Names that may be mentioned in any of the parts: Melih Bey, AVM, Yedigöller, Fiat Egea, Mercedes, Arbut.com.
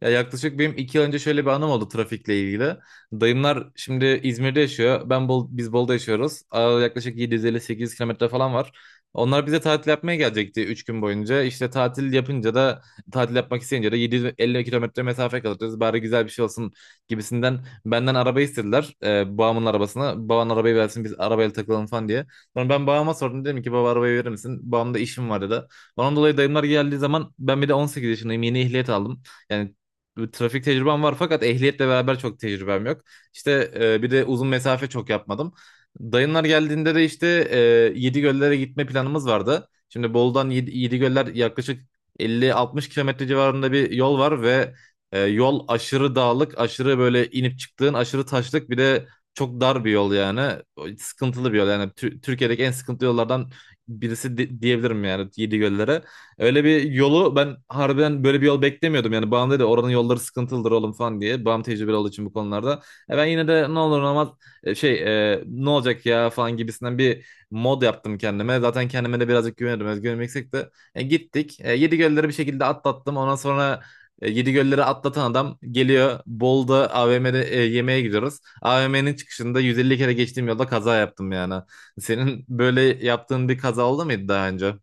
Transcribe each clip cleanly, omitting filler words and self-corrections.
Ya yaklaşık benim 2 yıl önce şöyle bir anım oldu trafikle ilgili. Dayımlar şimdi İzmir'de yaşıyor. Biz Bolu'da yaşıyoruz. Yaklaşık 750-800 kilometre falan var. Onlar bize tatil yapmaya gelecekti 3 gün boyunca. İşte tatil yapınca da tatil yapmak isteyince de 750 kilometre mesafe kalacağız. Bari güzel bir şey olsun gibisinden benden araba istediler. Babamın arabasını. Baban arabayı versin, biz arabayla takılalım falan diye. Sonra ben babama sordum, dedim ki baba arabayı verir misin? Babam da işim var dedi. Ondan dolayı dayımlar geldiği zaman ben bir de 18 yaşındayım, yeni ehliyet aldım. Yani bir trafik tecrübem var fakat ehliyetle beraber çok tecrübem yok. İşte bir de uzun mesafe çok yapmadım. Dayınlar geldiğinde de işte Yedigöller'e gitme planımız vardı. Şimdi Bolu'dan Yedigöller yaklaşık 50-60 kilometre civarında bir yol var ve yol aşırı dağlık, aşırı böyle inip çıktığın, aşırı taşlık, bir de çok dar bir yol yani. O sıkıntılı bir yol, yani Türkiye'deki en sıkıntılı yollardan birisi diyebilirim yani Yedigöller'e. Öyle bir yolu ben harbiden böyle bir yol beklemiyordum. Yani babam dedi oranın yolları sıkıntılıdır oğlum falan diye. Babam tecrübeli olduğu için bu konularda. Ben yine de ne olur ne olmaz e, şey ne olacak ya falan gibisinden bir mod yaptım kendime. Zaten kendime de birazcık güveniyordum. Özgüvenim yüksek de. Gittik. Yedi gölleri bir şekilde atlattım. Ondan sonra Yedi gölleri atlatan adam geliyor. Bolu'da AVM'de yemeğe gidiyoruz. AVM'nin çıkışında 150 kere geçtiğim yolda kaza yaptım yani. Senin böyle yaptığın bir kaza oldu muydu daha önce?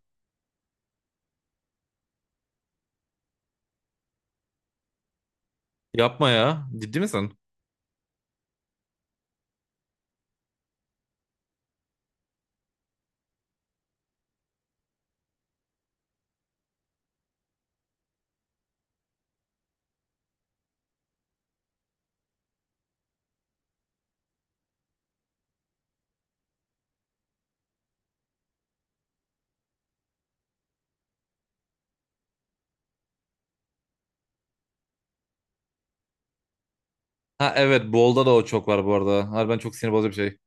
Yapma ya. Ciddi misin? Ha evet, Bolda da o çok var bu arada. Harbiden çok sinir bozucu bir şey.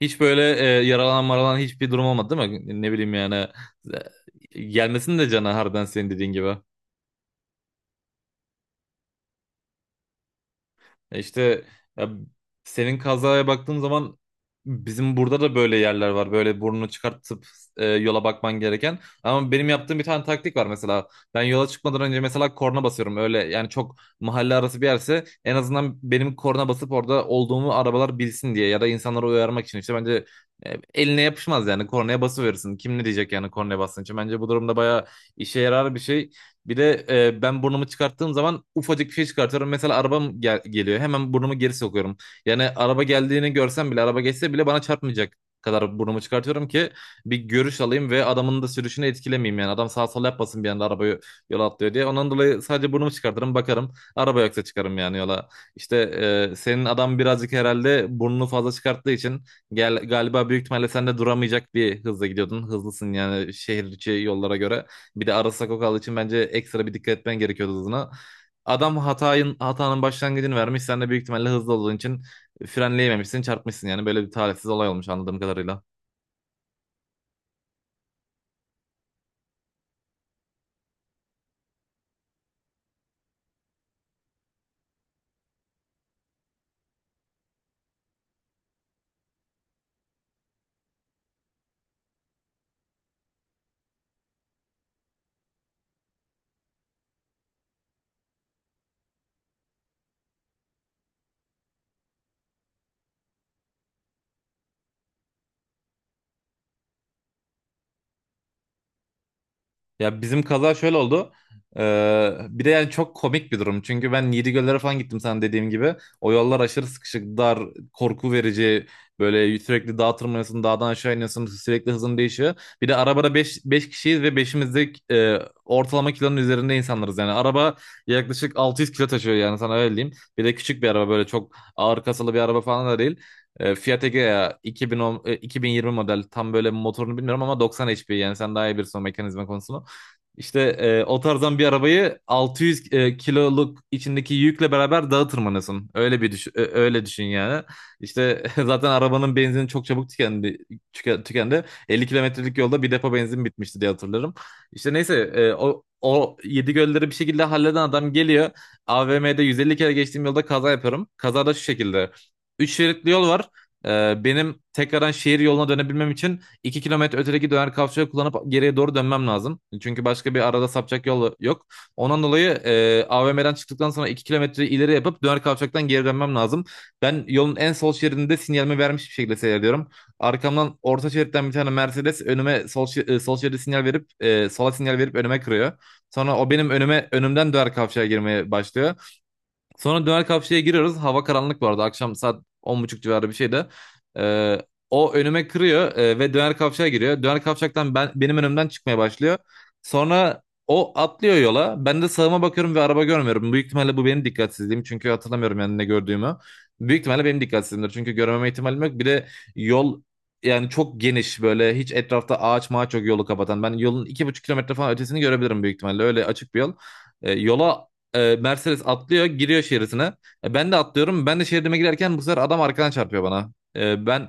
Hiç böyle yaralanan maralanan hiçbir durum olmadı değil mi? Ne bileyim yani. Gelmesin de cana, harbiden senin dediğin gibi. İşte ya, senin kazaya baktığım zaman bizim burada da böyle yerler var. Böyle burnunu çıkartıp yola bakman gereken. Ama benim yaptığım bir tane taktik var mesela. Ben yola çıkmadan önce mesela korna basıyorum. Öyle yani, çok mahalle arası bir yerse en azından benim korna basıp orada olduğumu arabalar bilsin diye ya da insanları uyarmak için, işte bence e, eline yapışmaz yani, kornaya basıverirsin. Kim ne diyecek yani kornaya bastığın için. Bence bu durumda bayağı işe yarar bir şey. Bir de ben burnumu çıkarttığım zaman ufacık bir şey çıkartıyorum. Mesela arabam geliyor. Hemen burnumu geri sokuyorum. Yani araba geldiğini görsem bile, araba geçse bile bana çarpmayacak kadar burnumu çıkartıyorum ki bir görüş alayım ve adamın da sürüşünü etkilemeyeyim yani. Adam sağ sol yapmasın bir anda, arabayı yola atlıyor diye. Ondan dolayı sadece burnumu çıkartırım, bakarım. Araba yoksa çıkarım yani yola. İşte senin adam birazcık herhalde burnunu fazla çıkarttığı için galiba büyük ihtimalle sen de duramayacak bir hızla gidiyordun. Hızlısın yani şehir içi yollara göre. Bir de Aras Sakokal için bence ekstra bir dikkat etmen gerekiyordu hızına. Adam hatanın başlangıcını vermiş. Sen de büyük ihtimalle hızlı olduğun için frenleyememişsin, çarpmışsın yani. Böyle bir talihsiz olay olmuş anladığım kadarıyla. Ya bizim kaza şöyle oldu. Bir de yani çok komik bir durum. Çünkü ben Yedigöllere falan gittim sana dediğim gibi. O yollar aşırı sıkışık, dar, korku verici. Böyle sürekli dağa tırmanıyorsun, dağdan aşağı iniyorsun. Sürekli hızın değişiyor. Bir de arabada beş kişiyiz ve beşimiz de ortalama kilonun üzerinde insanlarız. Yani araba yaklaşık 600 kilo taşıyor yani, sana öyle diyeyim. Bir de küçük bir araba, böyle çok ağır kasalı bir araba falan da değil. Fiat Egea 2010, 2020 model. Tam böyle motorunu bilmiyorum ama 90 HP, yani sen daha iyi bilirsin o mekanizma konusunu. İşte o tarzdan bir arabayı 600 kiloluk içindeki yükle beraber dağa tırmanıyorsun. Öyle bir düşün, öyle düşün yani. İşte zaten arabanın benzini çok çabuk tükendi. Tükendi. 50 kilometrelik yolda bir depo benzin bitmişti diye hatırlarım. İşte neyse o yedi gölleri bir şekilde halleden adam geliyor. AVM'de 150 kere geçtiğim yolda kaza yapıyorum. Kazada şu şekilde. Üç şeritli yol var. Benim tekrardan şehir yoluna dönebilmem için 2 kilometre ötedeki döner kavşağı kullanıp geriye doğru dönmem lazım. Çünkü başka bir arada sapacak yol yok. Ondan dolayı AVM'den çıktıktan sonra 2 kilometre ileri yapıp döner kavşaktan geri dönmem lazım. Ben yolun en sol şeridinde sinyalimi vermiş bir şekilde seyrediyorum. Arkamdan orta şeritten bir tane Mercedes önüme sol şeride sinyal verip, sola sinyal verip önüme kırıyor. Sonra o benim önümden döner kavşağa girmeye başlıyor. Sonra döner kapçıya giriyoruz. Hava karanlık bu arada. Akşam saat 10.30 civarı bir şeydi. Ee, O önüme kırıyor ve döner kavşağa giriyor. Döner kavşaktan benim önümden çıkmaya başlıyor. Sonra o atlıyor yola. Ben de sağıma bakıyorum ve araba görmüyorum. Büyük ihtimalle bu benim dikkatsizliğim. Çünkü hatırlamıyorum yani ne gördüğümü. Büyük ihtimalle benim dikkatsizliğimdir. Çünkü görmeme ihtimalim yok. Bir de yol yani çok geniş, böyle hiç etrafta ağaç mağaç yok yolu kapatan. Ben yolun 2,5 kilometre falan ötesini görebilirim büyük ihtimalle. Öyle açık bir yol. Yola Mercedes atlıyor, giriyor şeridine. Ben de atlıyorum. Ben de şeridime girerken bu sefer adam arkadan çarpıyor bana. Ben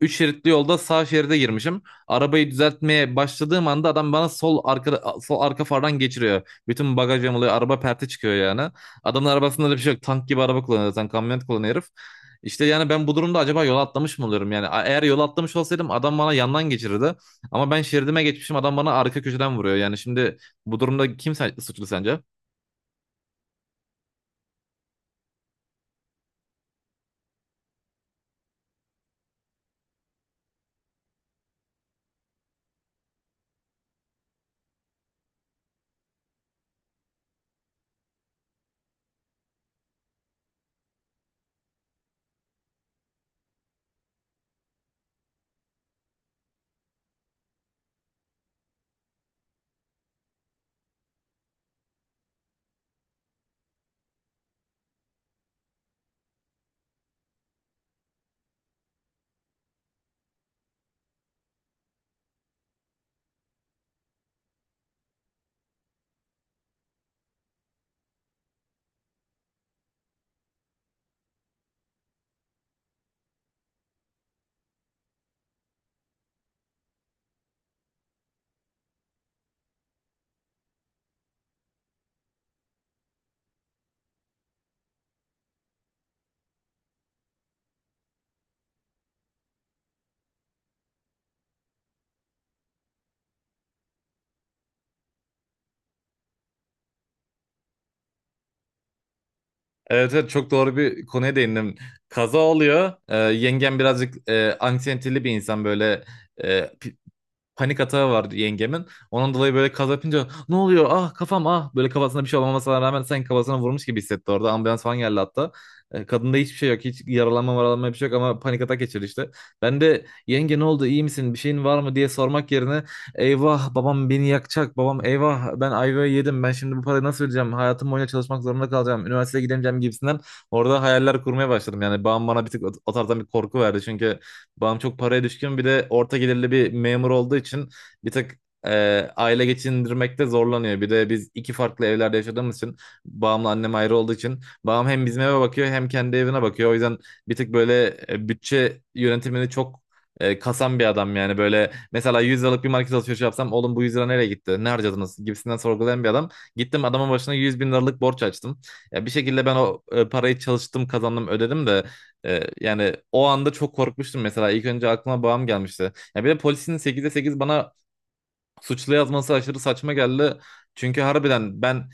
3 şeritli yolda sağ şeride girmişim. Arabayı düzeltmeye başladığım anda adam bana sol arka fardan geçiriyor. Bütün bagaj yamuluyor. Araba perte çıkıyor yani. Adamın arabasında da bir şey yok. Tank gibi araba kullanıyor zaten. Kamyonet kullanıyor herif. İşte yani ben bu durumda acaba yola atlamış mı oluyorum? Yani eğer yola atlamış olsaydım adam bana yandan geçirirdi. Ama ben şeridime geçmişim, adam bana arka köşeden vuruyor. Yani şimdi bu durumda kim suçlu sence? Evet, evet, çok doğru bir konuya değindim. Kaza oluyor. Yengem birazcık anksiyeteli bir insan, böyle panik atağı vardı yengemin. Onun dolayı böyle kaz yapınca ne oluyor, ah kafam, ah, böyle kafasına bir şey olmamasına rağmen sanki kafasına vurmuş gibi hissetti orada. Ambulans falan geldi hatta. Kadında hiçbir şey yok. Hiç yaralanma varalanma bir şey yok ama panik atak geçirdi işte. Ben de yenge ne oldu, iyi misin, bir şeyin var mı diye sormak yerine, eyvah babam beni yakacak, babam, eyvah ben ayvayı yedim, ben şimdi bu parayı nasıl ödeyeceğim, hayatım boyunca çalışmak zorunda kalacağım, üniversiteye gidemeyeceğim gibisinden orada hayaller kurmaya başladım. Yani babam bana bir tık o tarzdan bir korku verdi, çünkü babam çok paraya düşkün, bir de orta gelirli bir memur olduğu için bir tık e, aile geçindirmekte zorlanıyor. Bir de biz iki farklı evlerde yaşadığımız için, babamla annem ayrı olduğu için, babam hem bizim eve bakıyor hem kendi evine bakıyor. O yüzden bir tık böyle bütçe yönetimini çok kasan bir adam. Yani böyle, mesela 100 liralık bir market alışverişi yapsam, oğlum bu 100 lira nereye gitti, ne harcadınız gibisinden sorgulayan bir adam. Gittim adamın başına 100 bin liralık borç açtım. Ya bir şekilde ben o parayı çalıştım, kazandım, ödedim de, yani o anda çok korkmuştum mesela. İlk önce aklıma babam gelmişti. Ya bir de polisin 8'e 8 bana suçlu yazması aşırı saçma geldi. Çünkü harbiden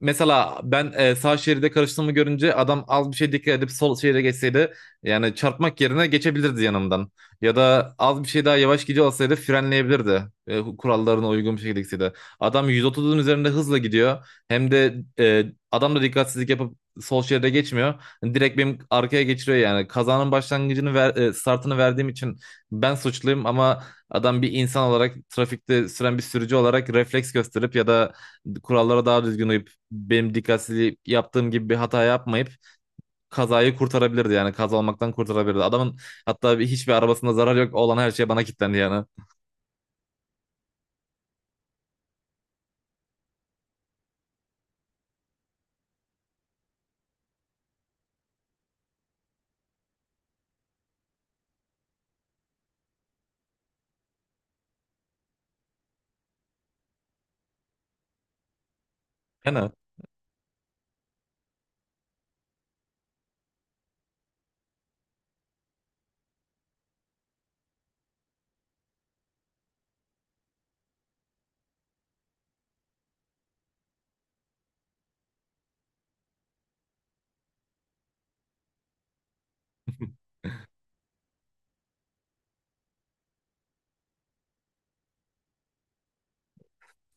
mesela ben sağ şeride karıştığımı görünce adam az bir şey dikkat edip sol şeride geçseydi yani çarpmak yerine geçebilirdi yanımdan. Ya da az bir şey daha yavaş gidiyor olsaydı frenleyebilirdi. Kurallarına uygun bir şekilde gitseydi. Adam 130'un üzerinde hızla gidiyor. Hem de adam da dikkatsizlik yapıp sol şeride geçmiyor. Direkt benim arkaya geçiriyor yani. Kazanın başlangıcını startını verdiğim için ben suçluyum, ama adam bir insan olarak, trafikte süren bir sürücü olarak refleks gösterip ya da kurallara daha düzgün uyup, benim dikkatsizliği yaptığım gibi bir hata yapmayıp kazayı kurtarabilirdi, yani kaza olmaktan kurtarabilirdi. Adamın hatta hiçbir arabasında zarar yok, olan her şey bana kilitlendi yani. Yani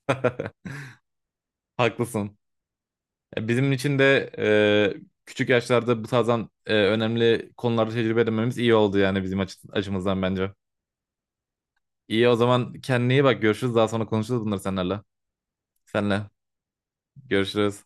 haklısın. Bizim için de küçük yaşlarda bu tarzdan önemli konularda tecrübe edinmemiz iyi oldu yani bizim açımızdan bence. İyi, o zaman kendine iyi bak, görüşürüz, daha sonra konuşuruz bunları seninle. Senle görüşürüz.